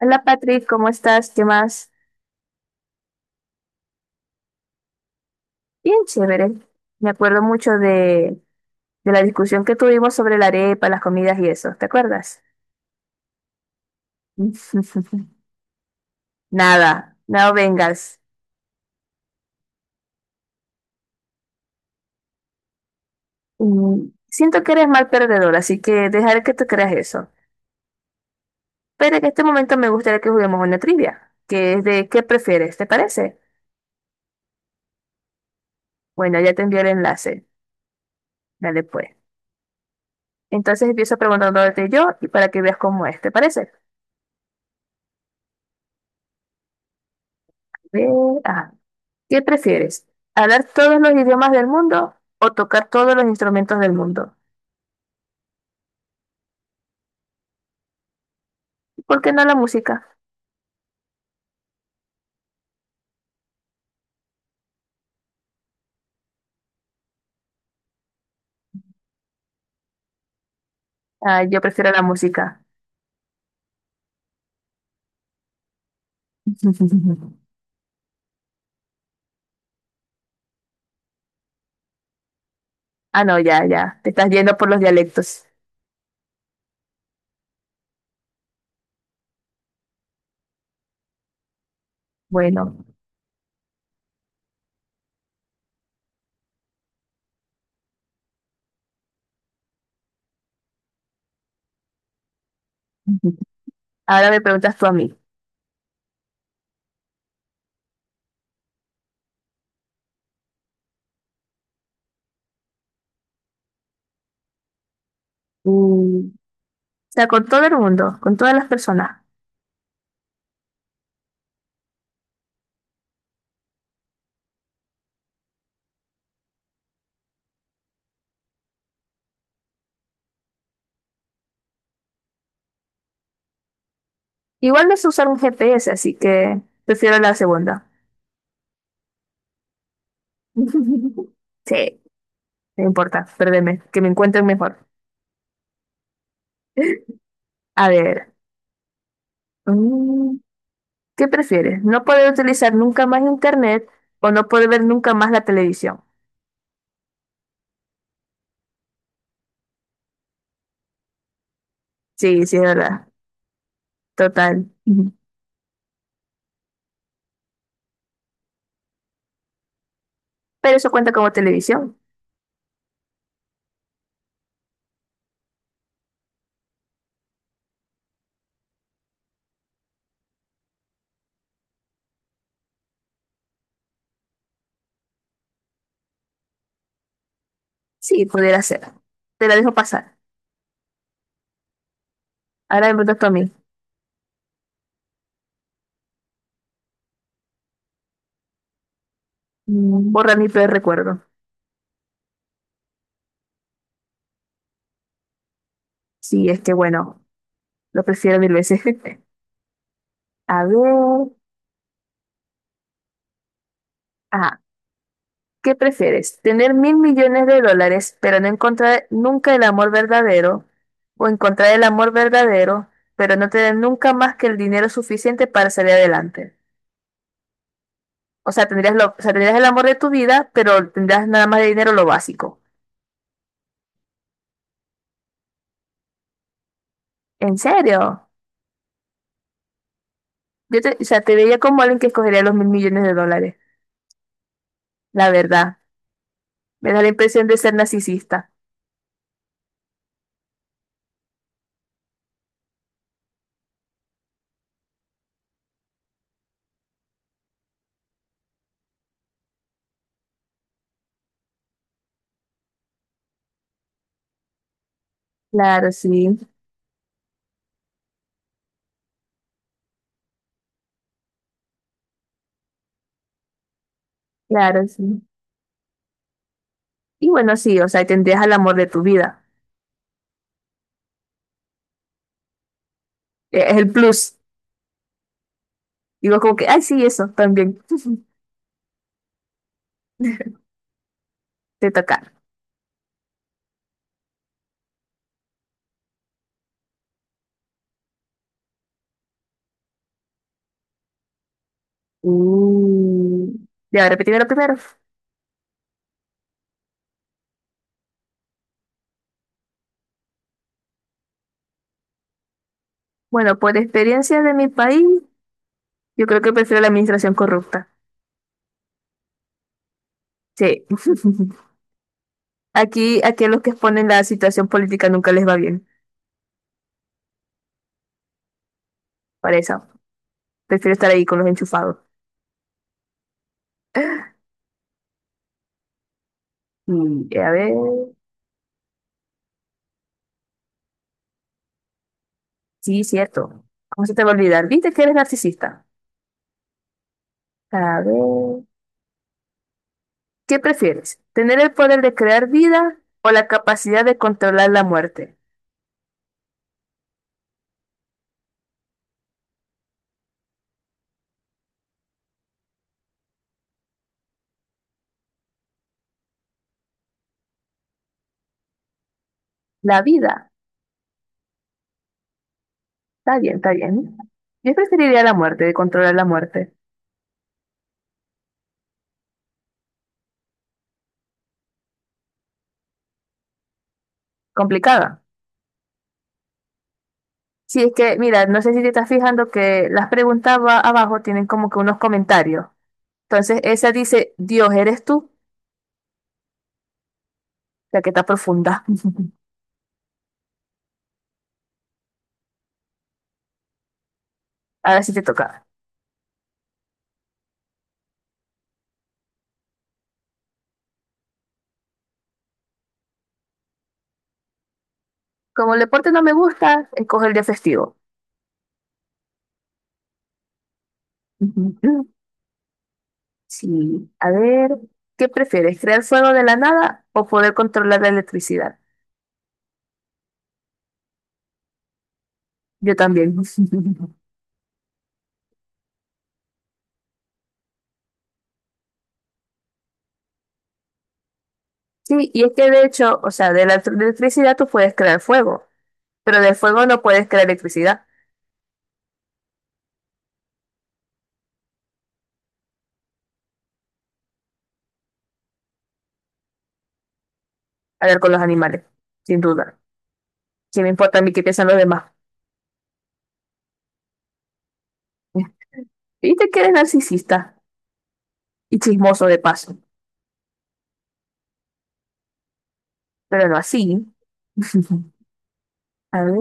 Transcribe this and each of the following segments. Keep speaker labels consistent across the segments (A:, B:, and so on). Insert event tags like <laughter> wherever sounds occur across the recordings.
A: Hola Patrick, ¿cómo estás? ¿Qué más? Bien chévere. Me acuerdo de la discusión que tuvimos sobre la arepa, las comidas y eso, ¿te acuerdas? <laughs> Nada, no vengas. Siento que eres mal perdedor, así que dejaré que tú creas eso. Pero en este momento me gustaría que juguemos una trivia, que es de ¿qué prefieres? ¿Te parece? Bueno, ya te envié el enlace. Dale pues. Entonces empiezo preguntándote yo y para que veas cómo es, ¿te parece? Ve, ajá. ¿Qué prefieres? ¿Hablar todos los idiomas del mundo o tocar todos los instrumentos del mundo? ¿Por qué no la música? Ah, yo prefiero la música. <laughs> Ah, no, ya, ya. Te estás yendo por los dialectos. Bueno, ahora me preguntas tú a mí. O sea, con todo el mundo, con todas las personas. Igual no sé usar un GPS, así que prefiero la segunda. <laughs> Sí, no importa, perdeme, que me encuentren mejor. <laughs> A ver. mm, ¿Qué prefieres? ¿No poder utilizar nunca más internet o no poder ver nunca más la televisión? Sí, sí, es verdad. Total. Ujú. Pero eso cuenta como televisión. Sí, pudiera ser. Te la dejo pasar. Ahora me preguntas tú a mí. Borra mi peor recuerdo. Sí, es que bueno, lo prefiero mil veces. <laughs> A ver. Ah, ¿qué prefieres? ¿Tener mil millones de dólares, pero no encontrar nunca el amor verdadero? ¿O encontrar el amor verdadero, pero no tener nunca más que el dinero suficiente para salir adelante? O sea, tendrías el amor de tu vida, pero tendrás nada más de dinero lo básico. ¿En serio? O sea, te veía como alguien que escogería los mil millones de dólares. La verdad. Me da la impresión de ser narcisista. Claro, sí. Claro, sí. Y bueno, sí, o sea, tendrías el amor de tu vida. Es el plus. Digo como que, ay, sí, eso también. <laughs> Te toca. Uh. Ya, repetirme lo primero. Bueno, por experiencia de mi país, yo creo que prefiero la administración corrupta. Sí. <laughs> Aquí a los que exponen la situación política nunca les va bien. Para eso. Prefiero estar ahí con los enchufados. A ver, sí, cierto. ¿Cómo se te va a olvidar? ¿Viste que eres narcisista? A ver, ¿qué prefieres? ¿Tener el poder de crear vida o la capacidad de controlar la muerte? La vida. Está bien, está bien. Yo preferiría la muerte, de controlar la muerte. Complicada. Sí, es que, mira, no sé si te estás fijando que las preguntas abajo tienen como que unos comentarios. Entonces, esa dice, Dios, ¿eres tú? La que está profunda. <laughs> Ahora sí te toca. Como el deporte no me gusta, escoge el día festivo. <laughs> Ujú. Sí, a ver, ¿qué prefieres? ¿Crear fuego de la nada o poder controlar la electricidad? Yo también. <laughs> Sí, y es que de hecho, o sea, de electricidad tú puedes crear fuego, pero del fuego no puedes crear electricidad. A ver, con los animales, sin duda. ¿Qué me importa a mí qué piensan los demás? <laughs> Y te quedes narcisista y chismoso de paso, pero no así. <laughs> A ver.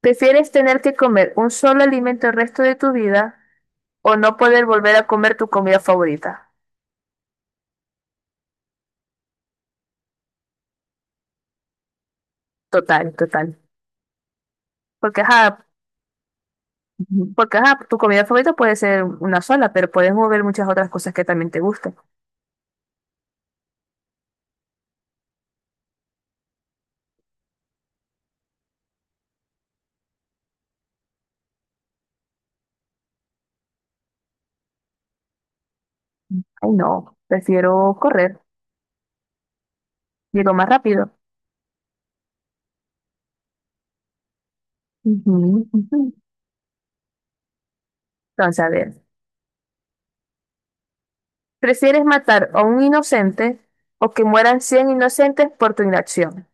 A: ¿Prefieres tener que comer un solo alimento el resto de tu vida o no poder volver a comer tu comida favorita? Total, total. Porque, ajá, Ujú. Porque, ajá, tu comida favorita puede ser una sola, pero puedes mover muchas otras cosas que también te gusten. Ay, no, prefiero correr, llego más rápido. Ujú, ujú. Entonces, a ver, ¿prefieres matar a un inocente o que mueran 100 inocentes por tu inacción?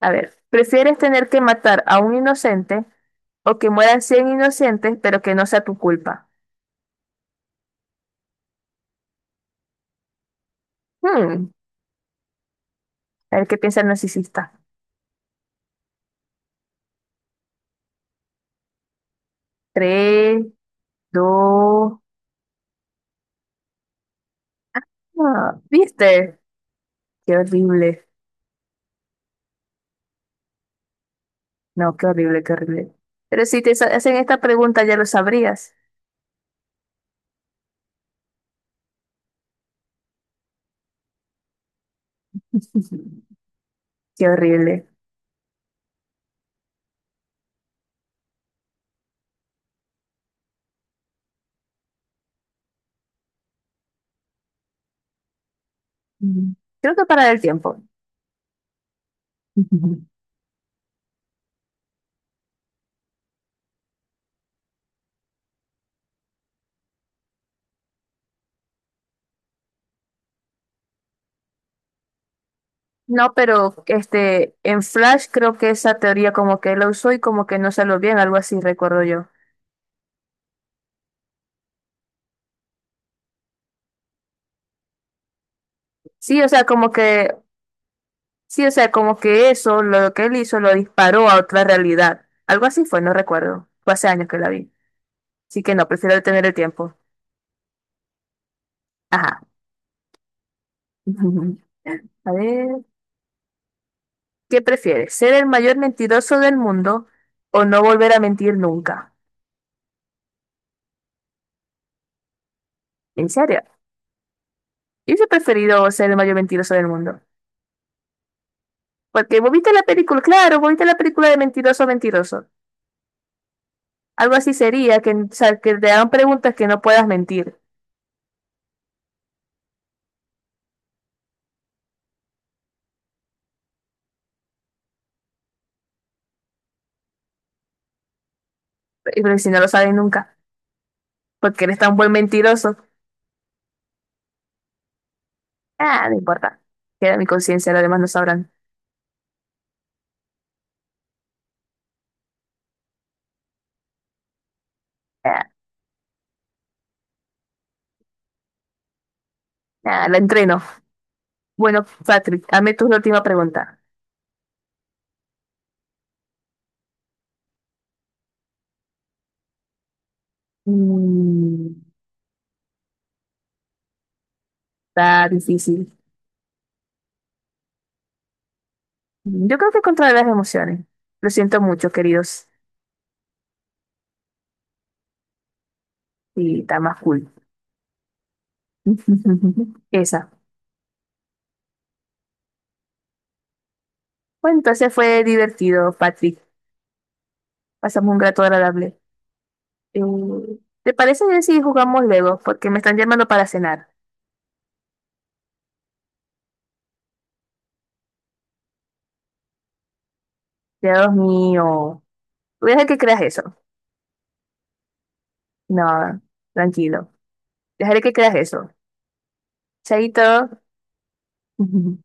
A: A ver, ¿prefieres tener que matar a un inocente o que mueran 100 inocentes, pero que no sea tu culpa? Hmm, a ver qué piensa el narcisista. Tres, dos, ah, ¿viste? Qué horrible. No, qué horrible, qué horrible. Pero si te hacen esta pregunta ya lo sabrías. <laughs> Qué horrible. Mm. Creo que para el tiempo. <laughs> No, pero este, en Flash creo que esa teoría como que la usó y como que no salió bien, algo así recuerdo yo. Sí, o sea, como que Sí, o sea, como que eso, lo que él hizo, lo disparó a otra realidad. Algo así fue, no recuerdo. Fue hace años que la vi. Así que no, prefiero detener el tiempo. Ajá. <laughs> A ver, ¿qué prefieres? ¿Ser el mayor mentiroso del mundo o no volver a mentir nunca? ¿En serio? Yo hubiese preferido ser el mayor mentiroso del mundo. Porque vos viste la película, claro, vos viste la película de Mentiroso, Mentiroso. Algo así sería, o sea, que te hagan preguntas que no puedas mentir. Pero si no lo sabes nunca, porque eres tan buen mentiroso. Ah, no importa. Queda mi conciencia, los demás no sabrán. Ah, la entreno. Bueno, Patrick, hazme tú la última pregunta. Mm, Está difícil. Yo creo que contra las emociones. Lo siento mucho, queridos. Y está más cool. <laughs> Esa. Bueno, entonces fue divertido, Patrick. Pasamos un rato agradable. Eh, ¿Te parece bien si jugamos luego? Porque me están llamando para cenar. Dios mío. Voy a dejar que creas eso. No, tranquilo. Dejaré que creas eso. Chaito. Ujú.